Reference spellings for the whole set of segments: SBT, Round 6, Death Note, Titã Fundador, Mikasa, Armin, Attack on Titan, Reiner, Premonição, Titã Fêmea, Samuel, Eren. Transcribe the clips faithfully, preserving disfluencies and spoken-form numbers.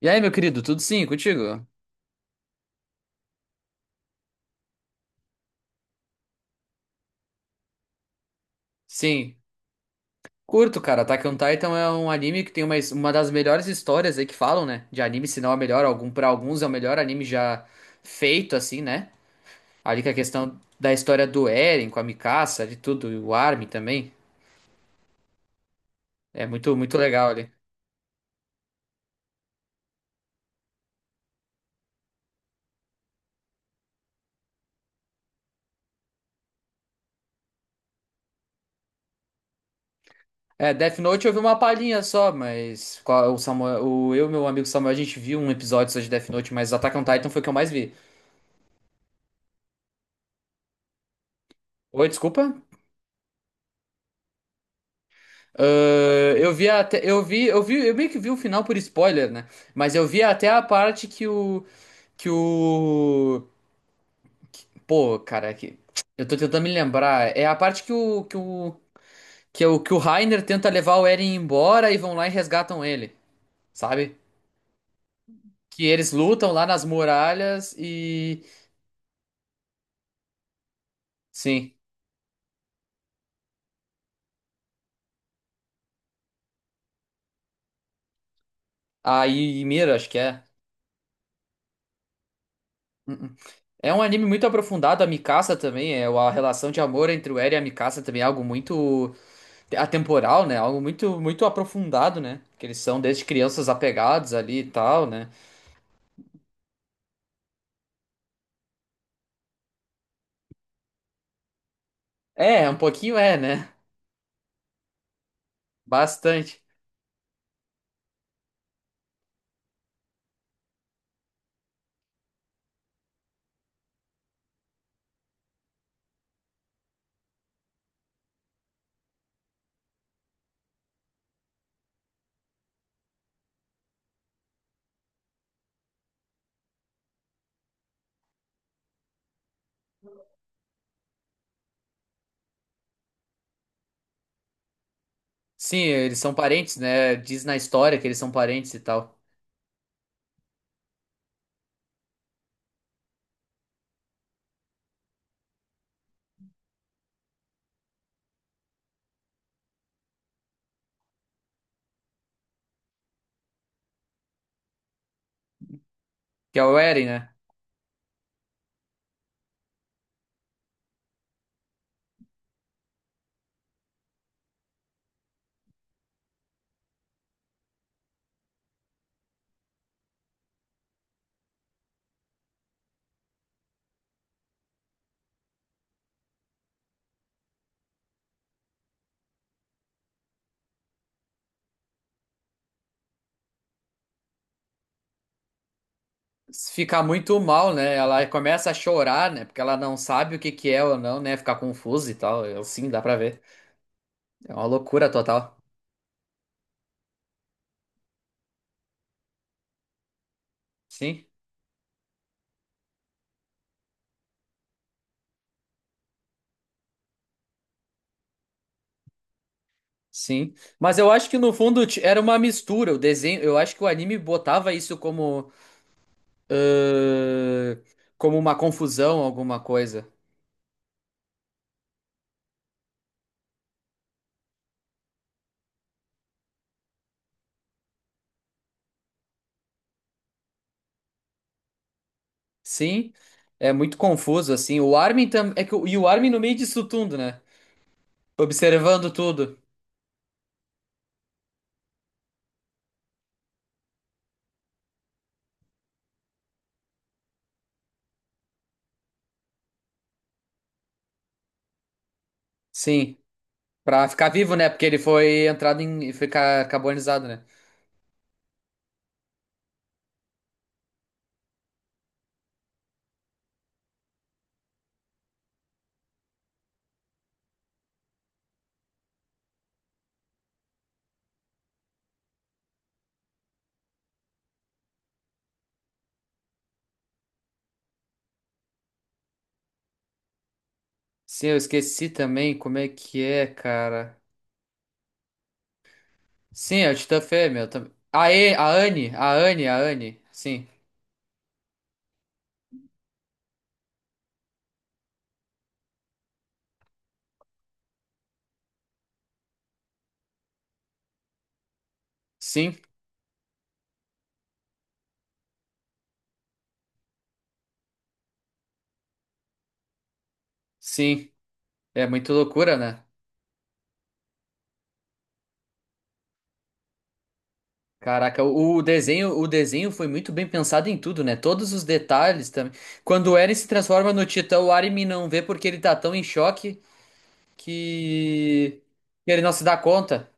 E aí, meu querido, tudo sim contigo? Sim. Curto, cara. Attack on Titan é um anime que tem uma, uma das melhores histórias aí que falam, né? De anime, se não é o melhor, algum, para alguns é o melhor anime já feito, assim, né? Ali com a questão da história do Eren, com a Mikasa, de tudo, e o Armin também. É muito, muito legal ali. É, Death Note eu vi uma palhinha só, mas qual- o Samuel, o, eu e meu amigo Samuel, a gente viu um episódio só de Death Note, mas Attack on Titan foi o que eu mais vi. Oi, desculpa? Ah, eu vi até, eu vi, eu vi, eu meio que vi o final por spoiler, né? Mas eu vi até a parte que o, que o, que- pô, cara, que, eu tô tentando me lembrar. É a parte que o, que o, que é o, que o Reiner tenta levar o Eren embora e vão lá e resgatam ele, sabe? Que eles lutam lá nas muralhas e, sim, a Mira, acho que é. uh É um anime muito aprofundado, a Mikasa também, é a relação de amor entre o Eren e a Mikasa também é algo muito atemporal, né? Algo muito muito aprofundado, né? Que eles são desde crianças apegados ali e tal, né? É, um pouquinho é, né? Bastante. Sim, eles são parentes, né? Diz na história que eles são parentes e tal. Que é o Eren, né? Se ficar muito mal, né? Ela começa a chorar, né? Porque ela não sabe o que que é ou não, né? Ficar confusa e tal. Eu, sim, dá pra ver. É uma loucura total. Sim, sim. Mas eu acho que no fundo t- era uma mistura. O desenho, eu acho que o anime botava isso como eh, como uma confusão, alguma coisa. Sim, é muito confuso, assim. O Armin também. É que, o- e o Armin no meio disso tudo, né? Observando tudo. Sim. Pra ficar vivo, né? Porque ele foi entrado em. Ficar carbonizado, né? Sim, eu esqueci também como é que é, cara. Sim, é o Titã Fêmea. Também. A, e, a Anne, a Anne, a Anne. Sim. Sim, sim. É muito loucura, né? Caraca, o o desenho, o desenho foi muito bem pensado em tudo, né? Todos os detalhes também. Quando o Eren se transforma no Titã, o Armin não vê porque ele tá tão em choque que que ele não se dá conta.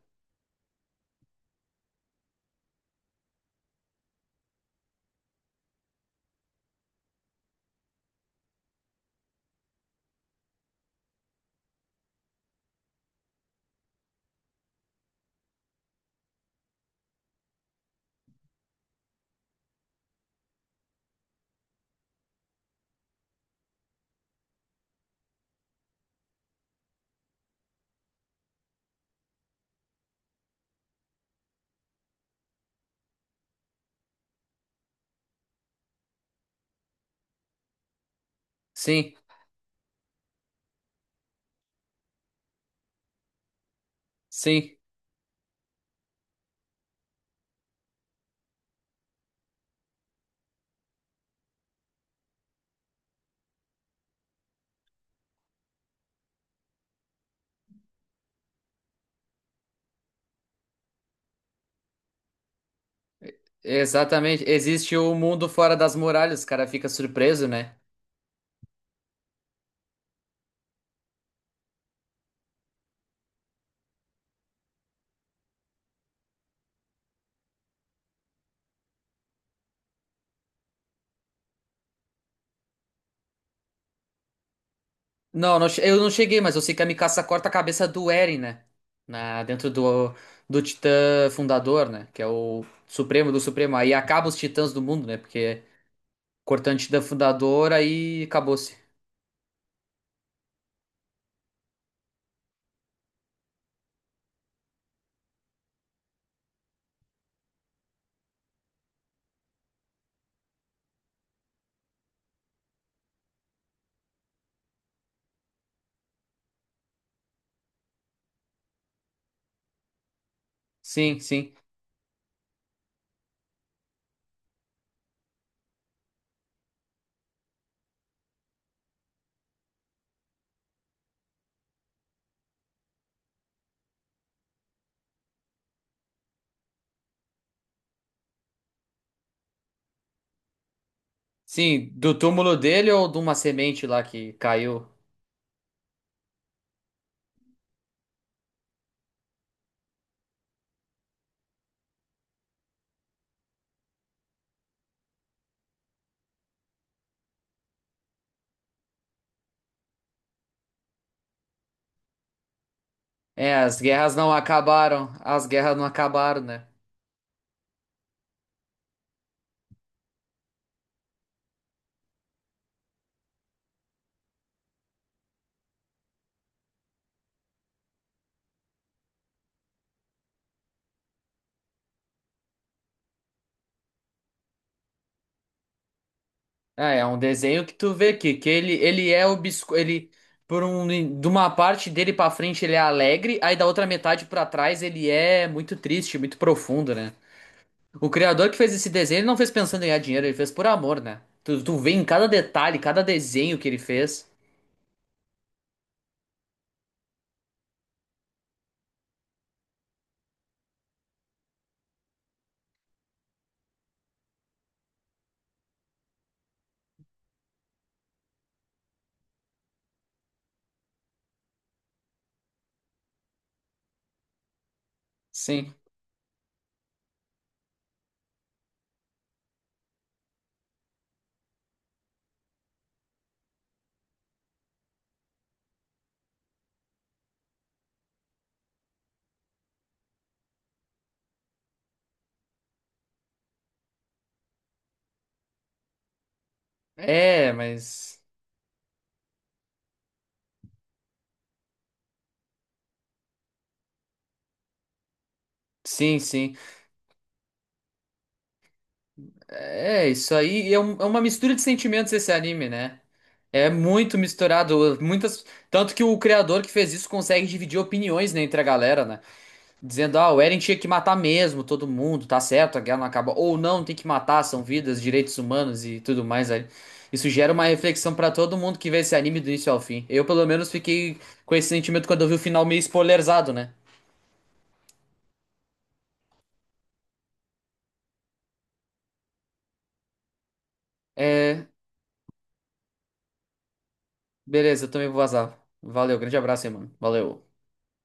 Sim, sim, exatamente. Existe o mundo fora das muralhas, o cara fica surpreso, né? Não, não che- eu não cheguei, mas eu sei que a Mikasa corta a cabeça do Eren, né? Na, dentro do, do Titã Fundador, né? Que é o Supremo do Supremo. Aí acaba os Titãs do mundo, né? Porque cortante da fundadora e acabou-se. Sim, sim. Sim, do túmulo dele ou de uma semente lá que caiu? É, as guerras não acabaram. As guerras não acabaram, né? É, é um desenho que tu vê que que ele, ele é obscuro, ele por um de uma parte dele pra frente ele é alegre, aí da outra metade pra trás ele é muito triste, muito profundo, né? O criador que fez esse desenho, ele não fez pensando em ganhar dinheiro, ele fez por amor, né? Tu, tu vê em cada detalhe, cada desenho que ele fez. Sim. É, mas sim, sim. É, isso aí é, um- é uma mistura de sentimentos esse anime, né? É muito misturado, muitas, tanto que o criador que fez isso consegue dividir opiniões, né, entre a galera, né? Dizendo, ah, o Eren tinha que matar mesmo todo mundo, tá certo, a guerra não acaba, ou não, tem que matar, são vidas, direitos humanos e tudo mais aí. Isso gera uma reflexão pra todo mundo que vê esse anime do início ao fim. Eu, pelo menos, fiquei com esse sentimento quando eu vi o final meio spoilerzado, né? É, beleza, eu também vou vazar. Valeu, grande abraço aí, mano. Valeu.